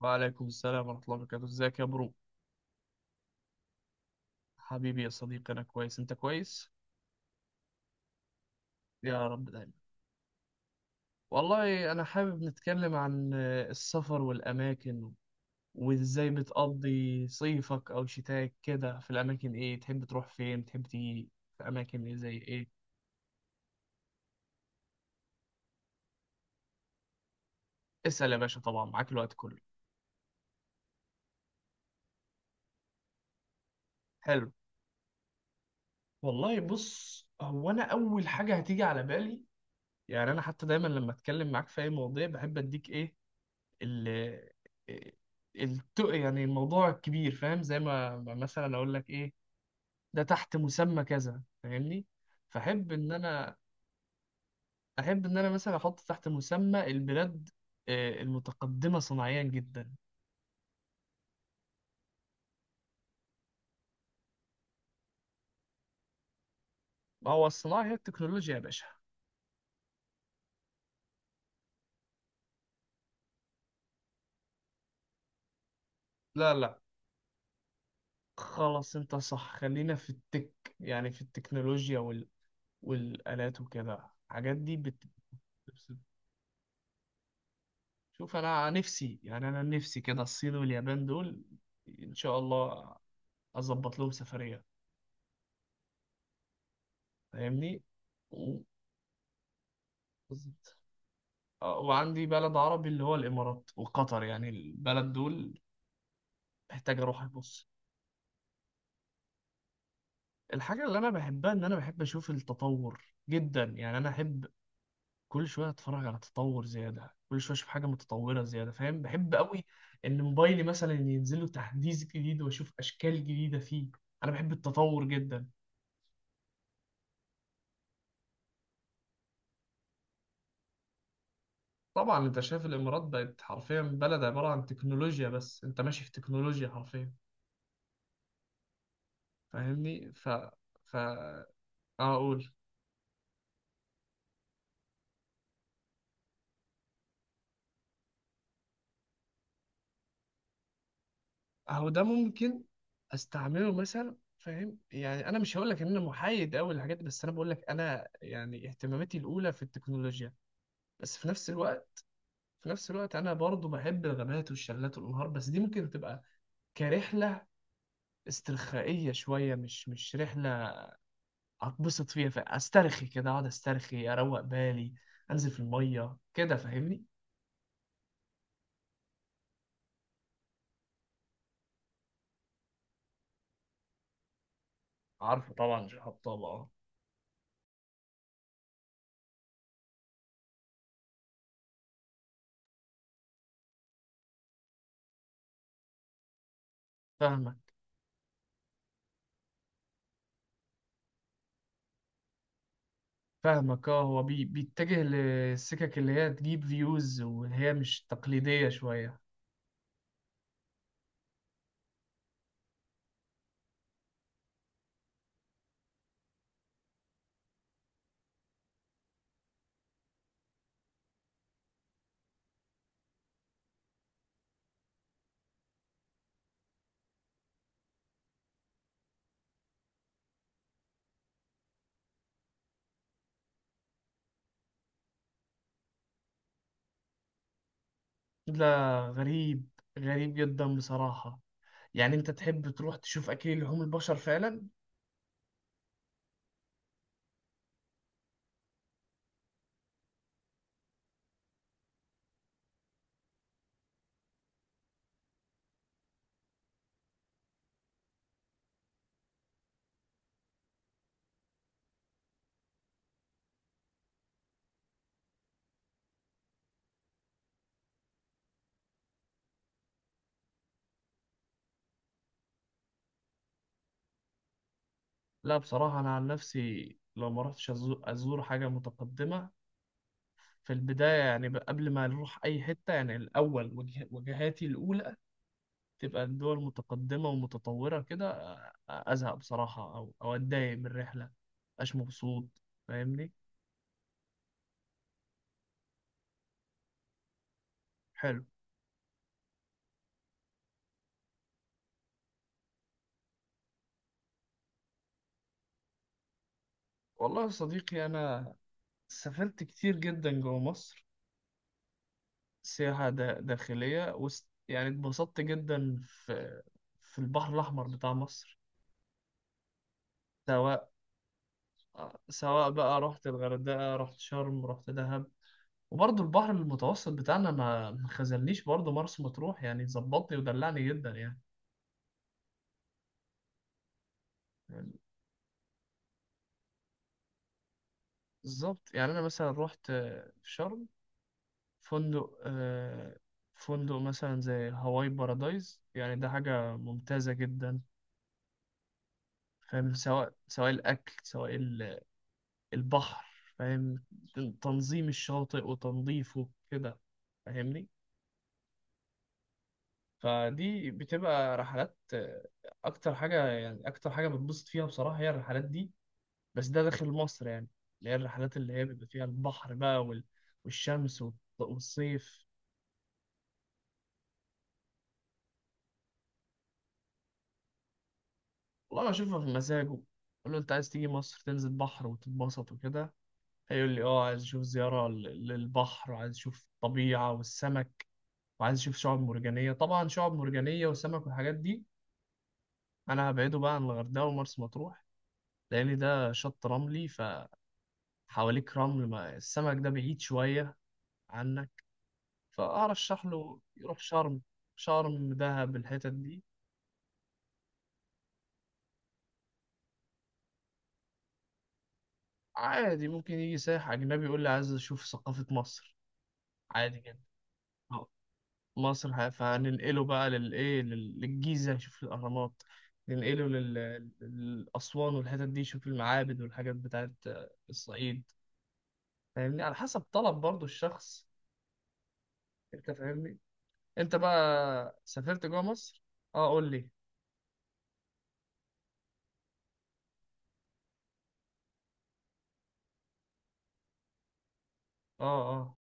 وعليكم السلام ورحمة الله وبركاته. ازيك يا برو؟ حبيبي يا صديقي، أنا كويس، أنت كويس؟ يا رب دايما. والله أنا حابب نتكلم عن السفر والأماكن، وإزاي بتقضي صيفك أو شتاك كده. في الأماكن إيه تحب تروح؟ فين تحب تيجي؟ في أماكن إيه؟ زي إيه؟ اسأل يا باشا، طبعا معاك الوقت كله. حلو. والله بص، هو أنا أول حاجة هتيجي على بالي، يعني أنا حتى دايما لما أتكلم معاك في أي مواضيع بحب أديك إيه، ال يعني الموضوع كبير، فاهم؟ زي ما مثلا اقول لك ايه، ده تحت مسمى كذا، فاهمني؟ فاحب ان انا احب ان انا مثلا احط تحت مسمى البلاد المتقدمة صناعيا جدا. ما هو الصناعة هي التكنولوجيا يا باشا. لا لا، خلاص انت صح، خلينا في التك، يعني في التكنولوجيا والآلات وكده، الحاجات دي بتبسط. شوف، انا نفسي يعني انا نفسي كده الصين واليابان دول، ان شاء الله اظبط لهم سفريه، فاهمني؟ و- بالظبط. وعندي بلد عربي اللي هو الامارات وقطر، يعني البلد دول محتاج اروح ابص. الحاجه اللي انا بحبها ان انا بحب اشوف التطور جدا، يعني انا احب كل شويه اتفرج على تطور زياده، كل شويه اشوف حاجه متطوره زياده، فاهم؟ بحب قوي ان موبايلي مثلا ينزل له تحديث جديد واشوف اشكال جديده فيه، انا بحب التطور جدا. طبعا انت شايف الامارات بقت حرفيا بلد عباره عن تكنولوجيا بس، انت ماشي في تكنولوجيا حرفيا، فاهمني؟ ف ف آه، اقول، اهو ده ممكن استعمله مثلا، فاهم؟ يعني انا مش هقول لك ان انا محايد قوي للحاجات دي، بس انا بقول لك انا يعني اهتماماتي الاولى في التكنولوجيا، بس في نفس الوقت، انا برضو بحب الغابات والشلالات والانهار، بس دي ممكن تبقى كرحله استرخائيه شويه، مش رحله اتبسط فيها، فاسترخي كده، اقعد استرخي، اروق بالي، انزل في الميه كده، فاهمني؟ عارفه طبعا، شهاب طبعا. فاهمك، فاهمك اه، هو بيتجه للسكك اللي هي تجيب فيوز، واللي هي مش تقليدية شوية. لا، غريب، غريب جدا بصراحة. يعني انت تحب تروح تشوف اكل لحوم البشر فعلا؟ لا بصراحة، انا عن نفسي لو ما رحتش ازور حاجة متقدمة في البداية، يعني قبل ما نروح اي حتة، يعني الاول وجهاتي الاولى تبقى الدول متقدمة ومتطورة كده، ازهق بصراحة، او اتضايق من الرحلة، مبقاش مبسوط، فاهمني؟ حلو. والله يا صديقي، أنا سافرت كتير جدا جوا مصر، سياحة داخلية يعني اتبسطت جدا في البحر الأحمر بتاع مصر. سواء بقى رحت الغردقة، رحت شرم، رحت دهب. وبرضه البحر المتوسط بتاعنا ما خذلنيش، برضه مرسى مطروح يعني ظبطني ودلعني جدا يعني. بالظبط. يعني أنا مثلا رحت في شرم فندق فندق مثلا زي هواي بارادايز، يعني ده حاجة ممتازة جدا، فاهم؟ سواء الأكل، سواء البحر، فاهم؟ تنظيم الشاطئ وتنظيفه كده، فاهمني؟ فدي بتبقى رحلات أكتر حاجة، يعني أكتر حاجة بتبسط فيها بصراحة هي الرحلات دي، بس ده داخل مصر يعني، اللي هي الرحلات اللي هي بيبقى فيها البحر بقى والشمس والصيف. والله بشوفها في مزاجه، أقول له أنت عايز تيجي مصر تنزل بحر وتتبسط وكده، هيقول لي اه، عايز اشوف زيارة للبحر، وعايز اشوف الطبيعة والسمك، وعايز اشوف شعاب مرجانيه، طبعا شعاب مرجانيه وسمك والحاجات دي، انا هبعده بقى عن الغردقه ومرسى مطروح، لان ده شط رملي، فحواليك رمل، ما السمك ده بعيد شويه عنك، فارشح له يروح شرم، شرم دهب الحتت دي. عادي ممكن يجي سائح اجنبي يقول لي عايز اشوف ثقافه مصر، عادي جدا. أه. مصر فهننقله بقى للايه للجيزه يشوف الاهرامات، ننقله للأسوان والحتت دي يشوف المعابد والحاجات بتاعت الصعيد، فاهمني؟ على حسب طلب برضو الشخص، انت فاهمني؟ انت بقى سافرت جوه مصر؟ اه قول لي. اه اه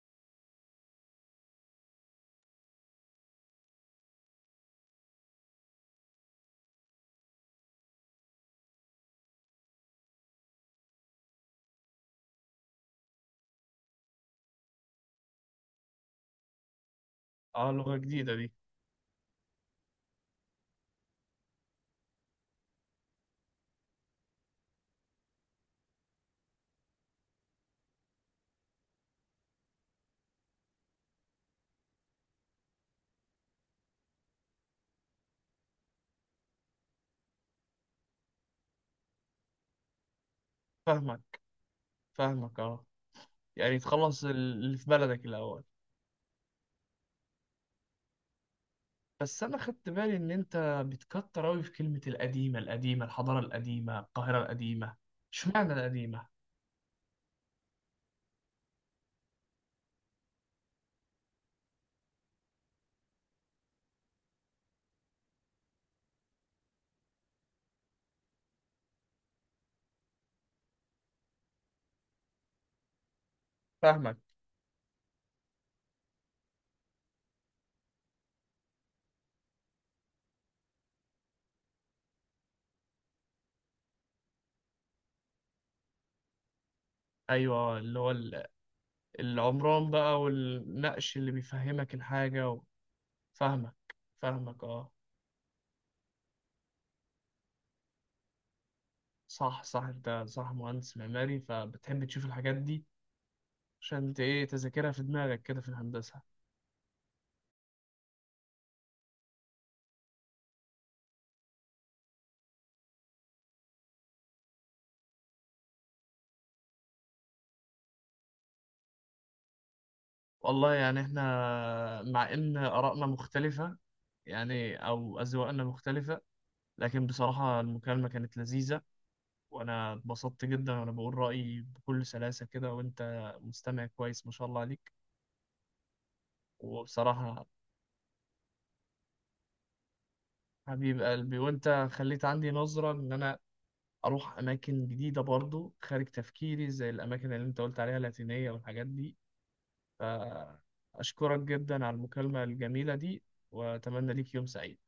اه. لغة جديدة دي. فاهمك، فاهمك اه، يعني تخلص اللي في بلدك الاول. بس انا خدت بالي ان انت بتكتر اوي في كلمة القديمة، القديمة، الحضارة القديمة، القاهرة القديمة، اشمعنى القديمة؟ فاهمك. ايوه، اللي هو العمران بقى، والنقش اللي بيفهمك الحاجة فاهمك، فاهمك اه. صح صح، انت صح، مهندس معماري، فبتحب تشوف الحاجات دي عشان انت ايه، تذاكرها في دماغك كده في الهندسة. والله يعني احنا مع ان آرائنا مختلفة، يعني او أذواقنا مختلفة، لكن بصراحة المكالمة كانت لذيذة، وانا اتبسطت جدا، وانا بقول رأيي بكل سلاسة كده، وانت مستمع كويس ما شاء الله عليك. وبصراحة حبيب قلبي، وانت خليت عندي نظرة ان انا اروح اماكن جديدة برضو خارج تفكيري زي الاماكن اللي انت قلت عليها، اللاتينية والحاجات دي. أشكرك جدا على المكالمة الجميلة دي، وأتمنى ليك يوم سعيد.